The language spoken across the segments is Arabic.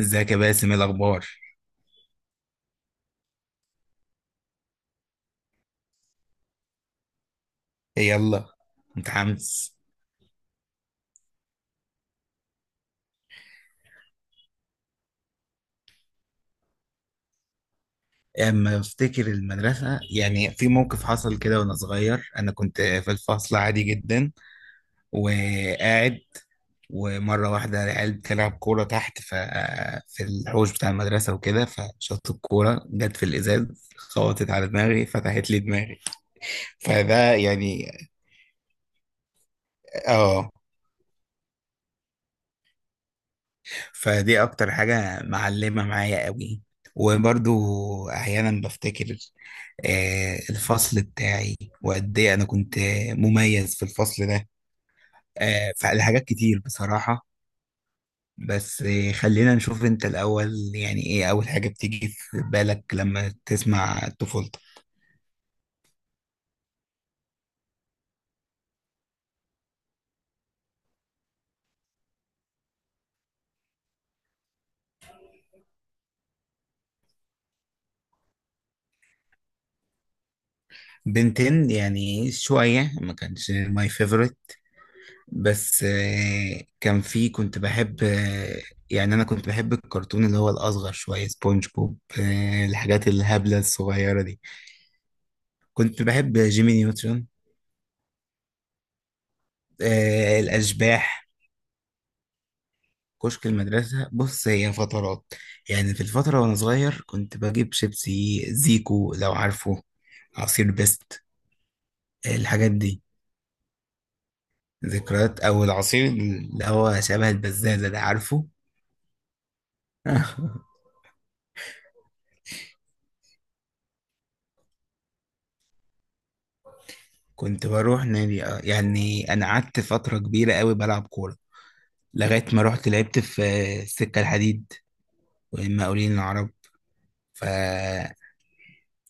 ازيك يا باسم، ايه الاخبار؟ إيه، يلا. متحمس. اما افتكر المدرسه، يعني في موقف حصل كده وانا صغير. انا كنت في الفصل عادي جدا وقاعد، ومره واحده العيال بتلعب كوره تحت في الحوش بتاع المدرسه وكده، فشطت الكوره جت في الازاز خبطت على دماغي فتحت لي دماغي. فده يعني. اه. فدي اكتر حاجة معلمة معايا قوي. وبرضو احيانا بفتكر الفصل بتاعي وقد ايه انا كنت مميز في الفصل ده. فالحاجات كتير بصراحة. بس خلينا نشوف انت الاول، يعني ايه اول حاجة بتيجي في بالك لما تسمع طفولتك؟ بنتين يعني شوية، ما كانش ماي favorite. بس كان في كنت بحب يعني انا كنت بحب الكرتون اللي هو الاصغر شويه، سبونج بوب، الحاجات الهبله الصغيره دي. كنت بحب جيمي نيوترون. الاشباح. كشك المدرسه، بص هي فترات. يعني في الفتره وانا صغير كنت بجيب شيبسي زيكو لو عارفه، عصير بيست. الحاجات دي ذكريات، او العصير اللي هو شبه البزازه ده عارفه. كنت بروح نادي، اه. يعني انا قعدت فتره كبيره قوي بلعب كوره، لغايه ما رحت لعبت في السكه الحديد والمقاولين العرب. ف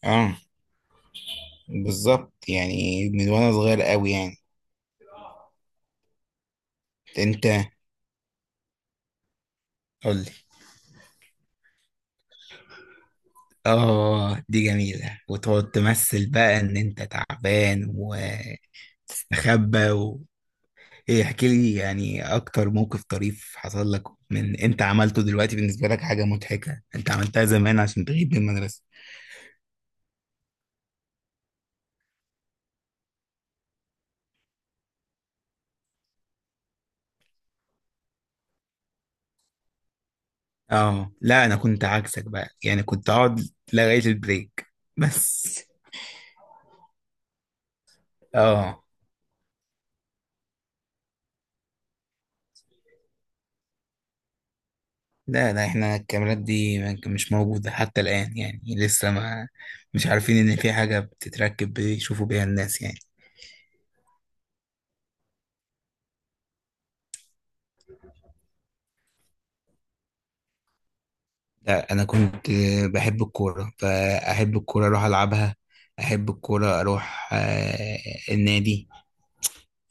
اه بالظبط، يعني من وانا صغير قوي يعني. انت قول لي. اه دي جميله، وتقعد تمثل بقى ان انت تعبان وتستخبى و... ايه احكي لي، يعني اكتر موقف طريف حصل لك من انت عملته دلوقتي بالنسبه لك، حاجه مضحكه انت عملتها زمان عشان تغيب من المدرسه. اه لا، انا كنت عكسك بقى. يعني كنت اقعد لغاية البريك بس. اه. لا لا، احنا الكاميرات دي مش موجودة حتى الآن، يعني لسه ما مش عارفين ان في حاجة بتتركب بيشوفوا بيها الناس يعني. لا انا كنت بحب الكورة، فاحب الكورة اروح العبها، احب الكورة اروح النادي.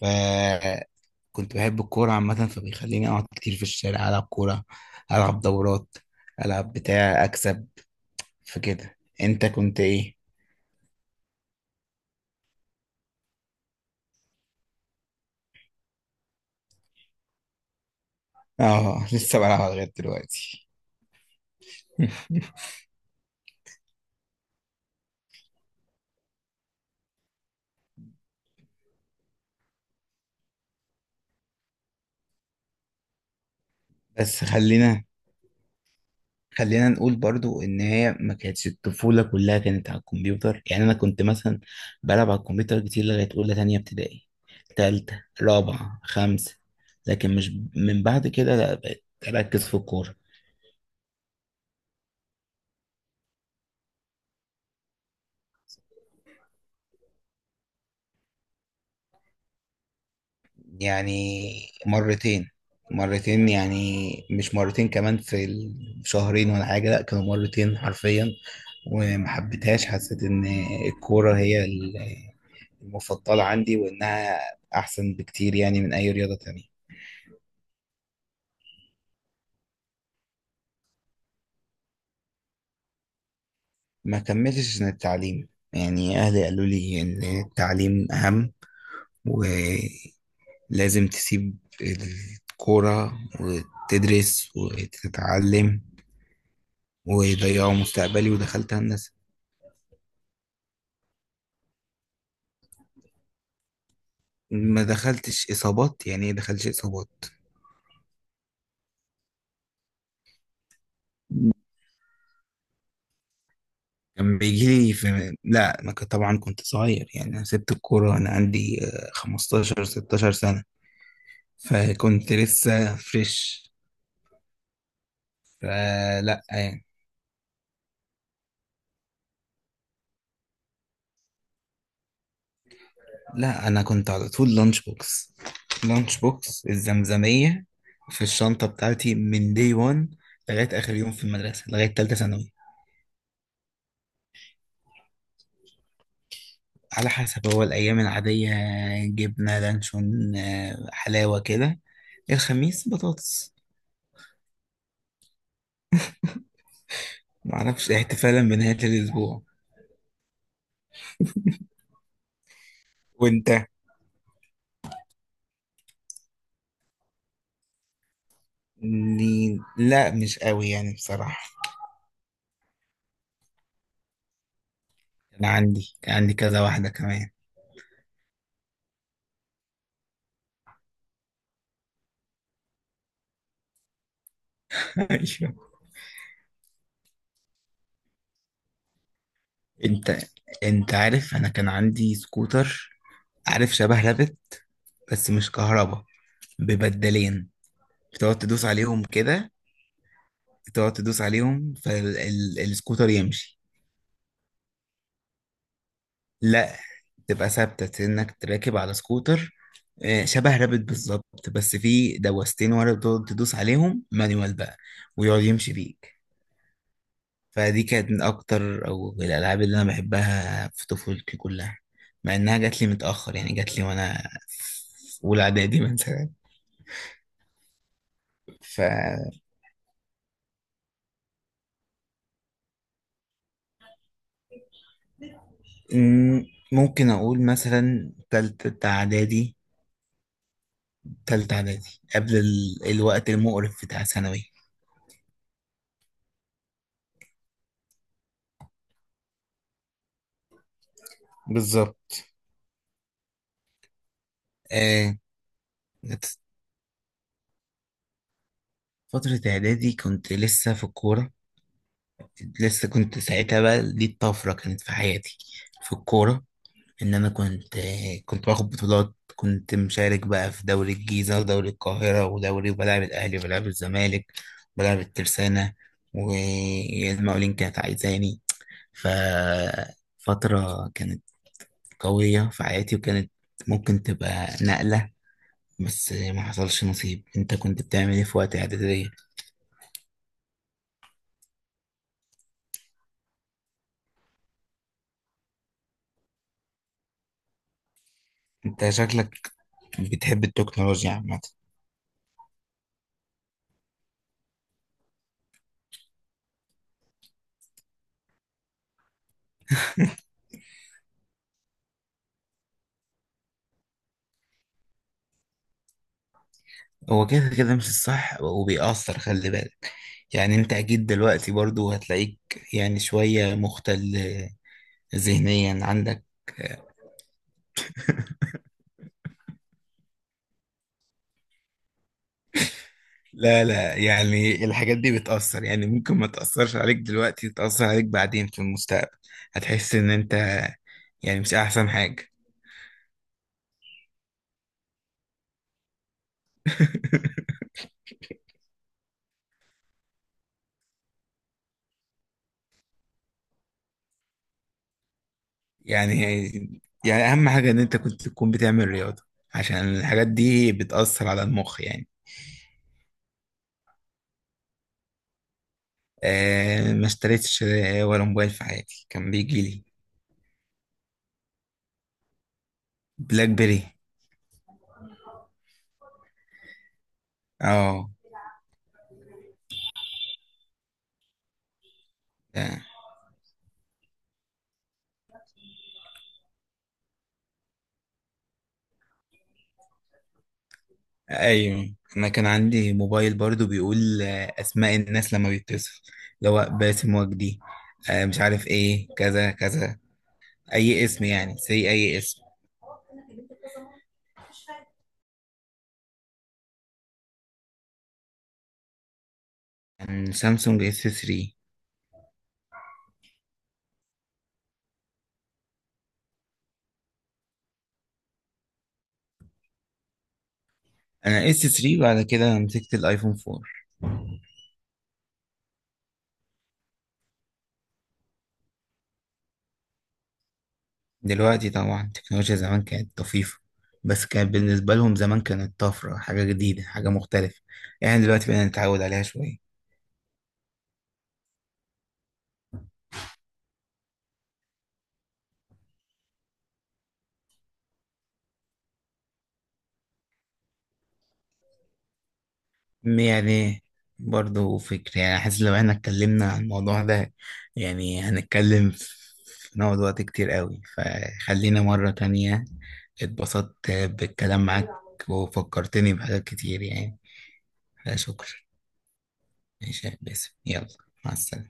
فكنت بحب الكورة عامة، فبيخليني اقعد كتير في الشارع العب كورة، العب دورات، العب بتاع اكسب. فكده انت كنت ايه؟ اه لسه بلعبها لغايه دلوقتي. بس خلينا نقول برضو ان هي ما كانتش الطفوله كلها كانت على الكمبيوتر. يعني انا كنت مثلا بلعب على الكمبيوتر كتير لغايه اولى تانية ابتدائي، تالتة، رابعه، خمسة، لكن مش من بعد كده. لا بقيت اركز في الكوره. يعني مرتين، مرتين يعني، مش مرتين كمان في الشهرين ولا حاجة. لا كانوا مرتين حرفيا وما حبيتهاش. حسيت ان الكورة هي المفضلة عندي، وانها احسن بكتير يعني من اي رياضة تانية. ما كملتش سنة التعليم، يعني اهلي قالوا لي ان التعليم اهم، ولازم تسيب الكورة وتدرس وتتعلم، ويضيعوا مستقبلي، ودخلت هندسة. ما دخلتش اصابات، يعني ايه دخلتش اصابات؟ كان بيجي لي في، لا ما كنت طبعا. كنت صغير، يعني انا سبت الكوره انا عندي 15 16 سنه. فكنت لسه فريش. فلا يعني، لا انا كنت على طول لانش بوكس، لانش بوكس. الزمزميه في الشنطه بتاعتي من دي 1 لغايه اخر يوم في المدرسه، لغايه ثالثه ثانوي. على حسب، هو الايام العاديه جبنه لانشون حلاوه كده. الخميس بطاطس. معرفش إيه، احتفالا بنهاية الأسبوع. وأنت؟ لا مش قوي يعني بصراحة. أنا عندي، كان عندي كذا واحدة كمان. أيوة. أنت أنت عارف أنا كان عندي سكوتر؟ عارف شبه رابت بس مش كهربا، ببدلين بتقعد تدوس عليهم كده، تقعد تدوس عليهم فالسكوتر يمشي. لا، تبقى ثابتة انك تراكب على سكوتر. شبه رابط بالظبط، بس فيه دوستين ورا بتقعد تدوس عليهم مانيوال بقى، ويقعد يمشي بيك. فدي كانت من اكتر او الالعاب اللي انا بحبها في طفولتي كلها، مع انها جات لي متاخر. يعني جات لي وانا في اولى اعدادي مثلا. ف م- ممكن اقول مثلا تالتة اعدادي. قبل الوقت المقرف بتاع ثانوي. بالظبط. آه فترة إعدادي كنت لسه في الكورة. لسه كنت ساعتها بقى، دي الطفرة كانت في حياتي في الكورة. إن أنا كنت، كنت باخد بطولات، كنت مشارك بقى في دوري الجيزة ودوري القاهرة ودوري، وبلعب الأهلي وبلعب الزمالك وبلعب الترسانة، والمقاولين كانت عايزاني. ففترة كانت قوية في حياتي، وكانت ممكن تبقى نقلة، بس ما حصلش نصيب. انت كنت بتعمل ايه في وقت اعدادية؟ انت شكلك بتحب التكنولوجيا عامة. هو كده كده مش الصح وبيأثر، خلي بالك. يعني انت اكيد دلوقتي برضو هتلاقيك يعني شوية مختل ذهنيا عندك. لا لا، يعني الحاجات دي بتأثر، يعني ممكن ما تأثرش عليك دلوقتي تأثر عليك بعدين في المستقبل. هتحس ان انت يعني مش احسن حاجة. يعني يعني اهم حاجة ان انت كنت تكون بتعمل رياضة، عشان الحاجات دي بتأثر على المخ يعني. ما اشتريتش ولا موبايل في حياتي، كان بيجي لي. بلاك بيري. اه. آه، ايوه انا كان عندي موبايل برضو بيقول اسماء الناس لما بيتصل، اللي هو باسم وجدي، مش عارف ايه كذا كذا. اي اسم، يعني سي اي اسم. كان سامسونج اس 3. انا اس 3 بعد كده مسكت الايفون 4. دلوقتي طبعا التكنولوجيا زمان كانت طفيفة، بس كانت بالنسبة لهم زمان كانت طفرة، حاجة جديدة حاجة مختلفة. يعني دلوقتي بقينا نتعود عليها شوية. يعني برضه فكرة، يعني حاسس لو احنا اتكلمنا عن الموضوع ده يعني هنتكلم، في نقعد وقت كتير قوي. فخلينا مرة تانية. اتبسطت بالكلام معاك وفكرتني بحاجات كتير يعني. فشكرا. ماشي يا باسم، يلا. مع السلامة.